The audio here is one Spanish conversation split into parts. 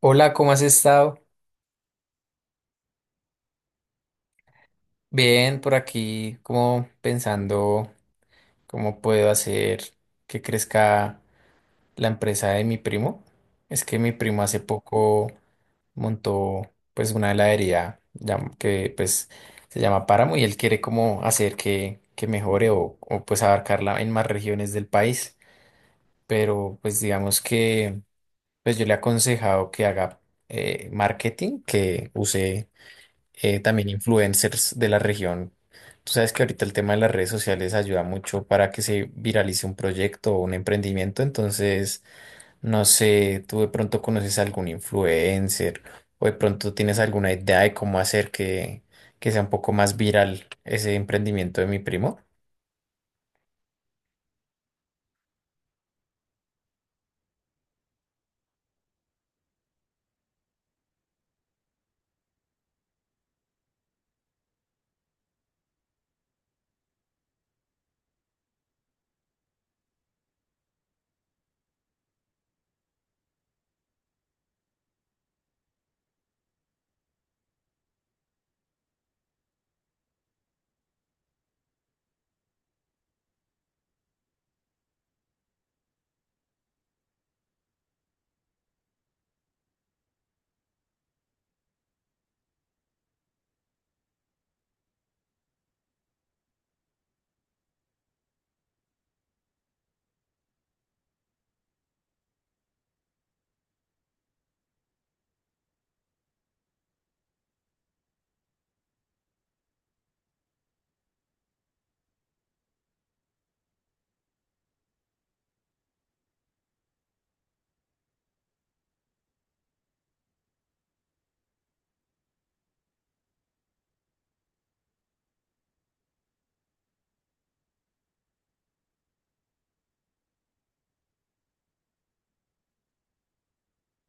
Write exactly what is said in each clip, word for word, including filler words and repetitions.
Hola, ¿cómo has estado? Bien, por aquí, como pensando cómo puedo hacer que crezca la empresa de mi primo. Es que mi primo hace poco montó pues una heladería llam- que pues se llama Páramo y él quiere como hacer que, que mejore o, o pues abarcarla en más regiones del país. Pero pues digamos que pues yo le he aconsejado que haga eh, marketing, que use eh, también influencers de la región. Tú sabes que ahorita el tema de las redes sociales ayuda mucho para que se viralice un proyecto o un emprendimiento, entonces no sé, tú de pronto conoces a algún influencer o de pronto tienes alguna idea de cómo hacer que, que sea un poco más viral ese emprendimiento de mi primo.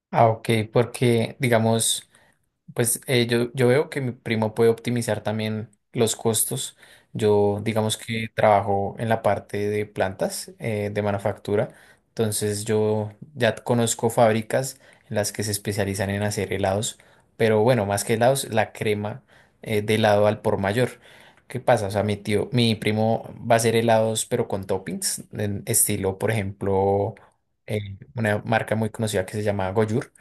Ah, ok, porque digamos. Pues eh, yo, yo veo que mi primo puede optimizar también los costos. Yo digamos que trabajo en la parte de plantas eh, de manufactura, entonces yo ya conozco fábricas en las que se especializan en hacer helados, pero bueno, más que helados, la crema eh, de helado al por mayor. ¿Qué pasa? O sea, mi tío, mi primo va a hacer helados, pero con toppings, en estilo, por ejemplo, eh, una marca muy conocida que se llama Goyur.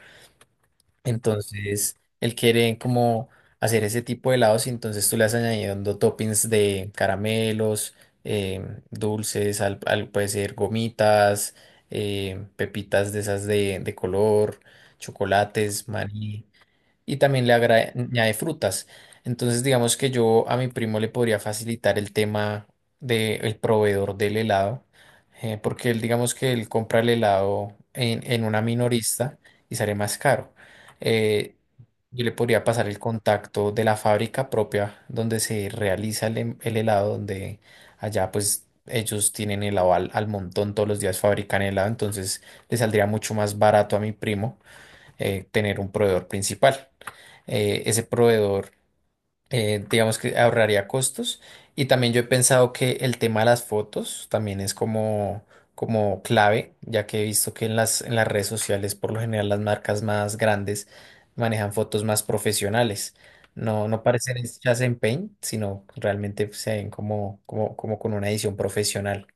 Entonces, él quiere como hacer ese tipo de helados y entonces tú le vas añadiendo toppings de caramelos, em, dulces, al, al- puede ser gomitas, em, pepitas de esas de, de color, chocolates, maní, y también le agra- añade frutas. Entonces, digamos que yo a mi primo le podría facilitar el tema del proveedor del helado, eh, porque él, digamos que él compra el helado en, en una minorista y sale más caro. Eh, yo le podría pasar el contacto de la fábrica propia donde se realiza el, hem- el helado, donde allá pues ellos tienen helado al, al montón, todos los días fabrican helado, entonces le saldría mucho más barato a mi primo eh, tener un proveedor principal. Eh, ese proveedor, eh, digamos que ahorraría costos. Y también yo he pensado que el tema de las fotos también es como, como clave, ya que he visto que en las, en las redes sociales, por lo general, las marcas más grandes manejan fotos más profesionales. No, no parecen hechas en Paint, sino realmente se ven como, como, como con una edición profesional.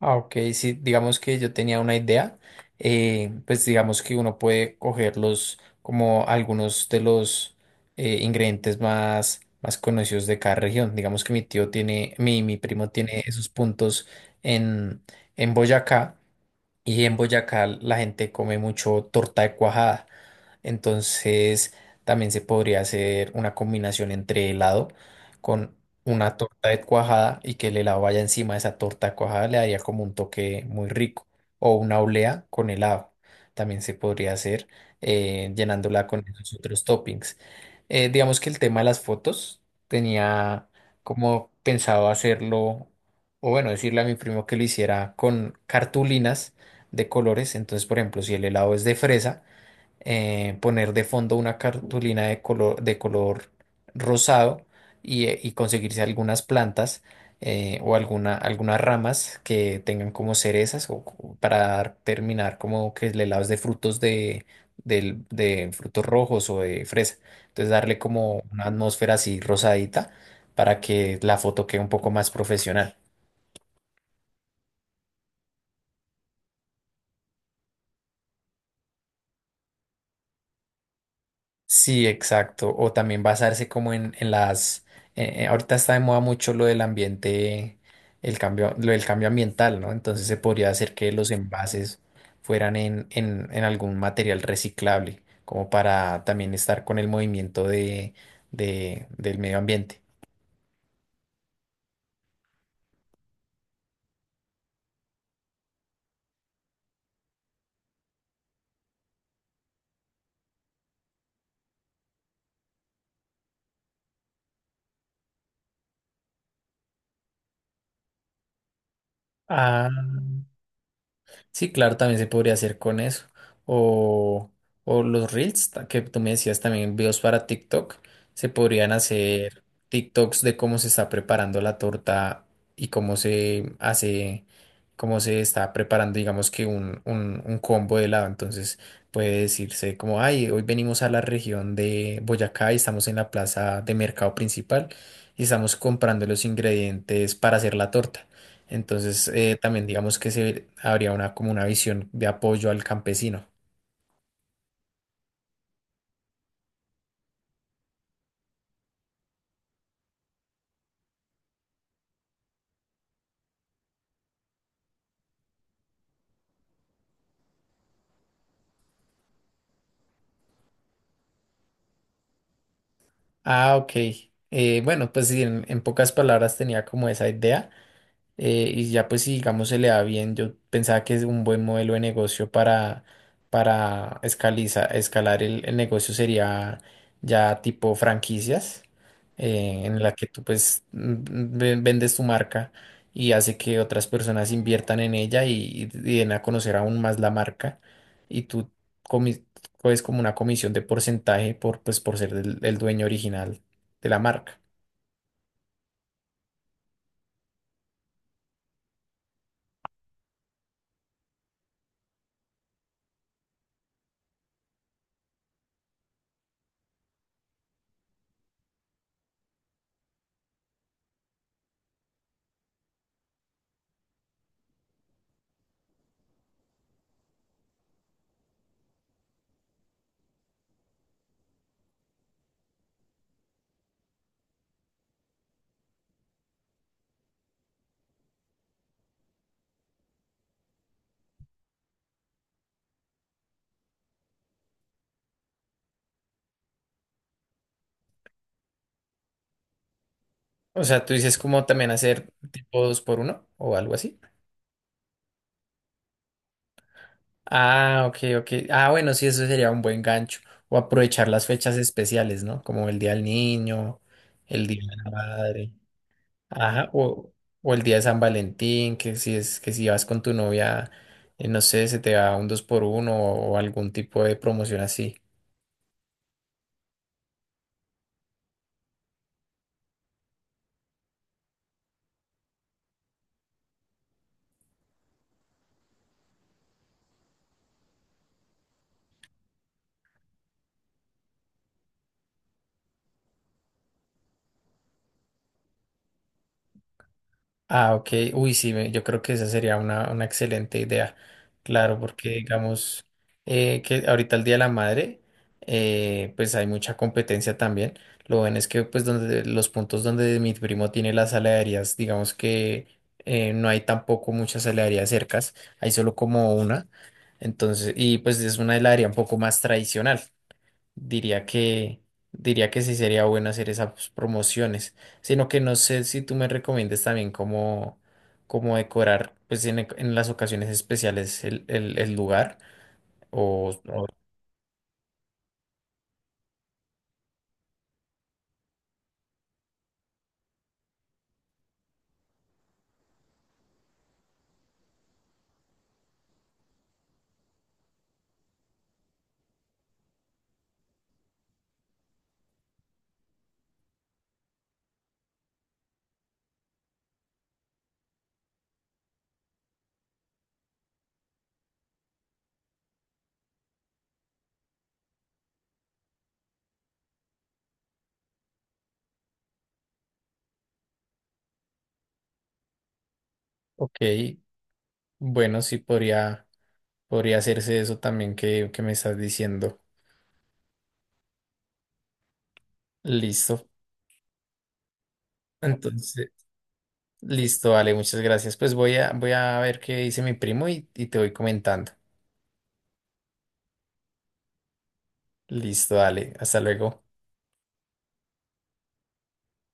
Ah, ok, sí, digamos que yo tenía una idea, eh, pues digamos que uno puede cogerlos como algunos de los eh, ingredientes más, más conocidos de cada región. Digamos que mi tío tiene, mi, mi primo tiene esos puntos en, en Boyacá y en Boyacá la gente come mucho torta de cuajada. Entonces también se podría hacer una combinación entre helado con una torta de cuajada y que el helado vaya encima de esa torta de cuajada le daría como un toque muy rico. O una olea con helado. También se podría hacer eh, llenándola con esos otros toppings. Eh, digamos que el tema de las fotos tenía como pensado hacerlo, o bueno, decirle a mi primo que lo hiciera con cartulinas de colores. Entonces, por ejemplo, si el helado es de fresa, eh, poner de fondo una cartulina de color, de color rosado y, eh, y conseguirse algunas plantas eh, o alguna, algunas ramas que tengan como cerezas o, o para dar- terminar como que el helado es de frutos de, del- de frutos rojos o de fresa. Entonces, darle como una atmósfera así rosadita para que la foto quede un poco más profesional. Sí, exacto. O también basarse como en, en las. Eh, eh, ahorita está de moda mucho lo del ambiente, el cambio, lo del cambio ambiental, ¿no? Entonces se podría hacer que los envases fueran en, en, en algún material reciclable, como para también estar con el movimiento de, de, del medio ambiente. Ah. Sí, claro, también se podría hacer con eso. O, o los reels ta- que tú me decías también, videos para TikTok, se podrían hacer TikToks de cómo se está preparando la torta y cómo se hace, cómo se está preparando, digamos que un, un, un combo de helado. Entonces puede decirse como, ay, hoy venimos a la región de Boyacá y estamos en la plaza de mercado principal y estamos comprando los ingredientes para hacer la torta. Entonces, eh, también digamos que se, habría una, como una visión de apoyo al campesino. Ah, ok. Eh, bueno, pues sí, en, en pocas palabras tenía como esa idea. Eh, y ya pues si digamos se le da bien, yo pensaba que es un buen modelo de negocio para, para escaliza- escalar el, el negocio sería ya tipo franquicias, eh, en la que tú pues mm, ve- vendes tu marca y hace que otras personas inviertan en ella y, y den a conocer aún más la marca y tú comi- coges como una comisión de porcentaje por, pues, por ser el, el dueño original de la marca. O sea, tú dices como también hacer tipo dos por uno o algo así. Ah, ok, ok. Ah, bueno, sí, eso sería un buen gancho. O aprovechar las fechas especiales, ¿no? Como el Día del Niño, el Día de la Madre. Ajá, o, o el Día de San Valentín, que si es, que si vas con tu novia, eh, no sé, se te da un dos por uno o, o algún tipo de promoción así. Ah, ok. Uy, sí, me- yo creo que esa sería una, una excelente idea. Claro, porque digamos eh, que ahorita el Día de la Madre, eh, pues hay mucha competencia también. Lo bueno es que pues donde los puntos donde mi primo tiene las heladerías, digamos que eh, no hay tampoco muchas heladerías cercas, hay solo como una. Entonces, y pues es una heladería un poco más tradicional. Diría que, diría que sí sería bueno hacer esas promociones, sino que no sé si tú me recomiendes también cómo, cómo decorar, pues en, en las ocasiones especiales el, el, el lugar. O, o. Ok, bueno, sí podría, podría hacerse eso también que, que me estás diciendo. Listo. Entonces, listo, dale, muchas gracias. Pues voy a, voy a ver qué dice mi primo y, y te voy comentando. Listo, dale, hasta luego.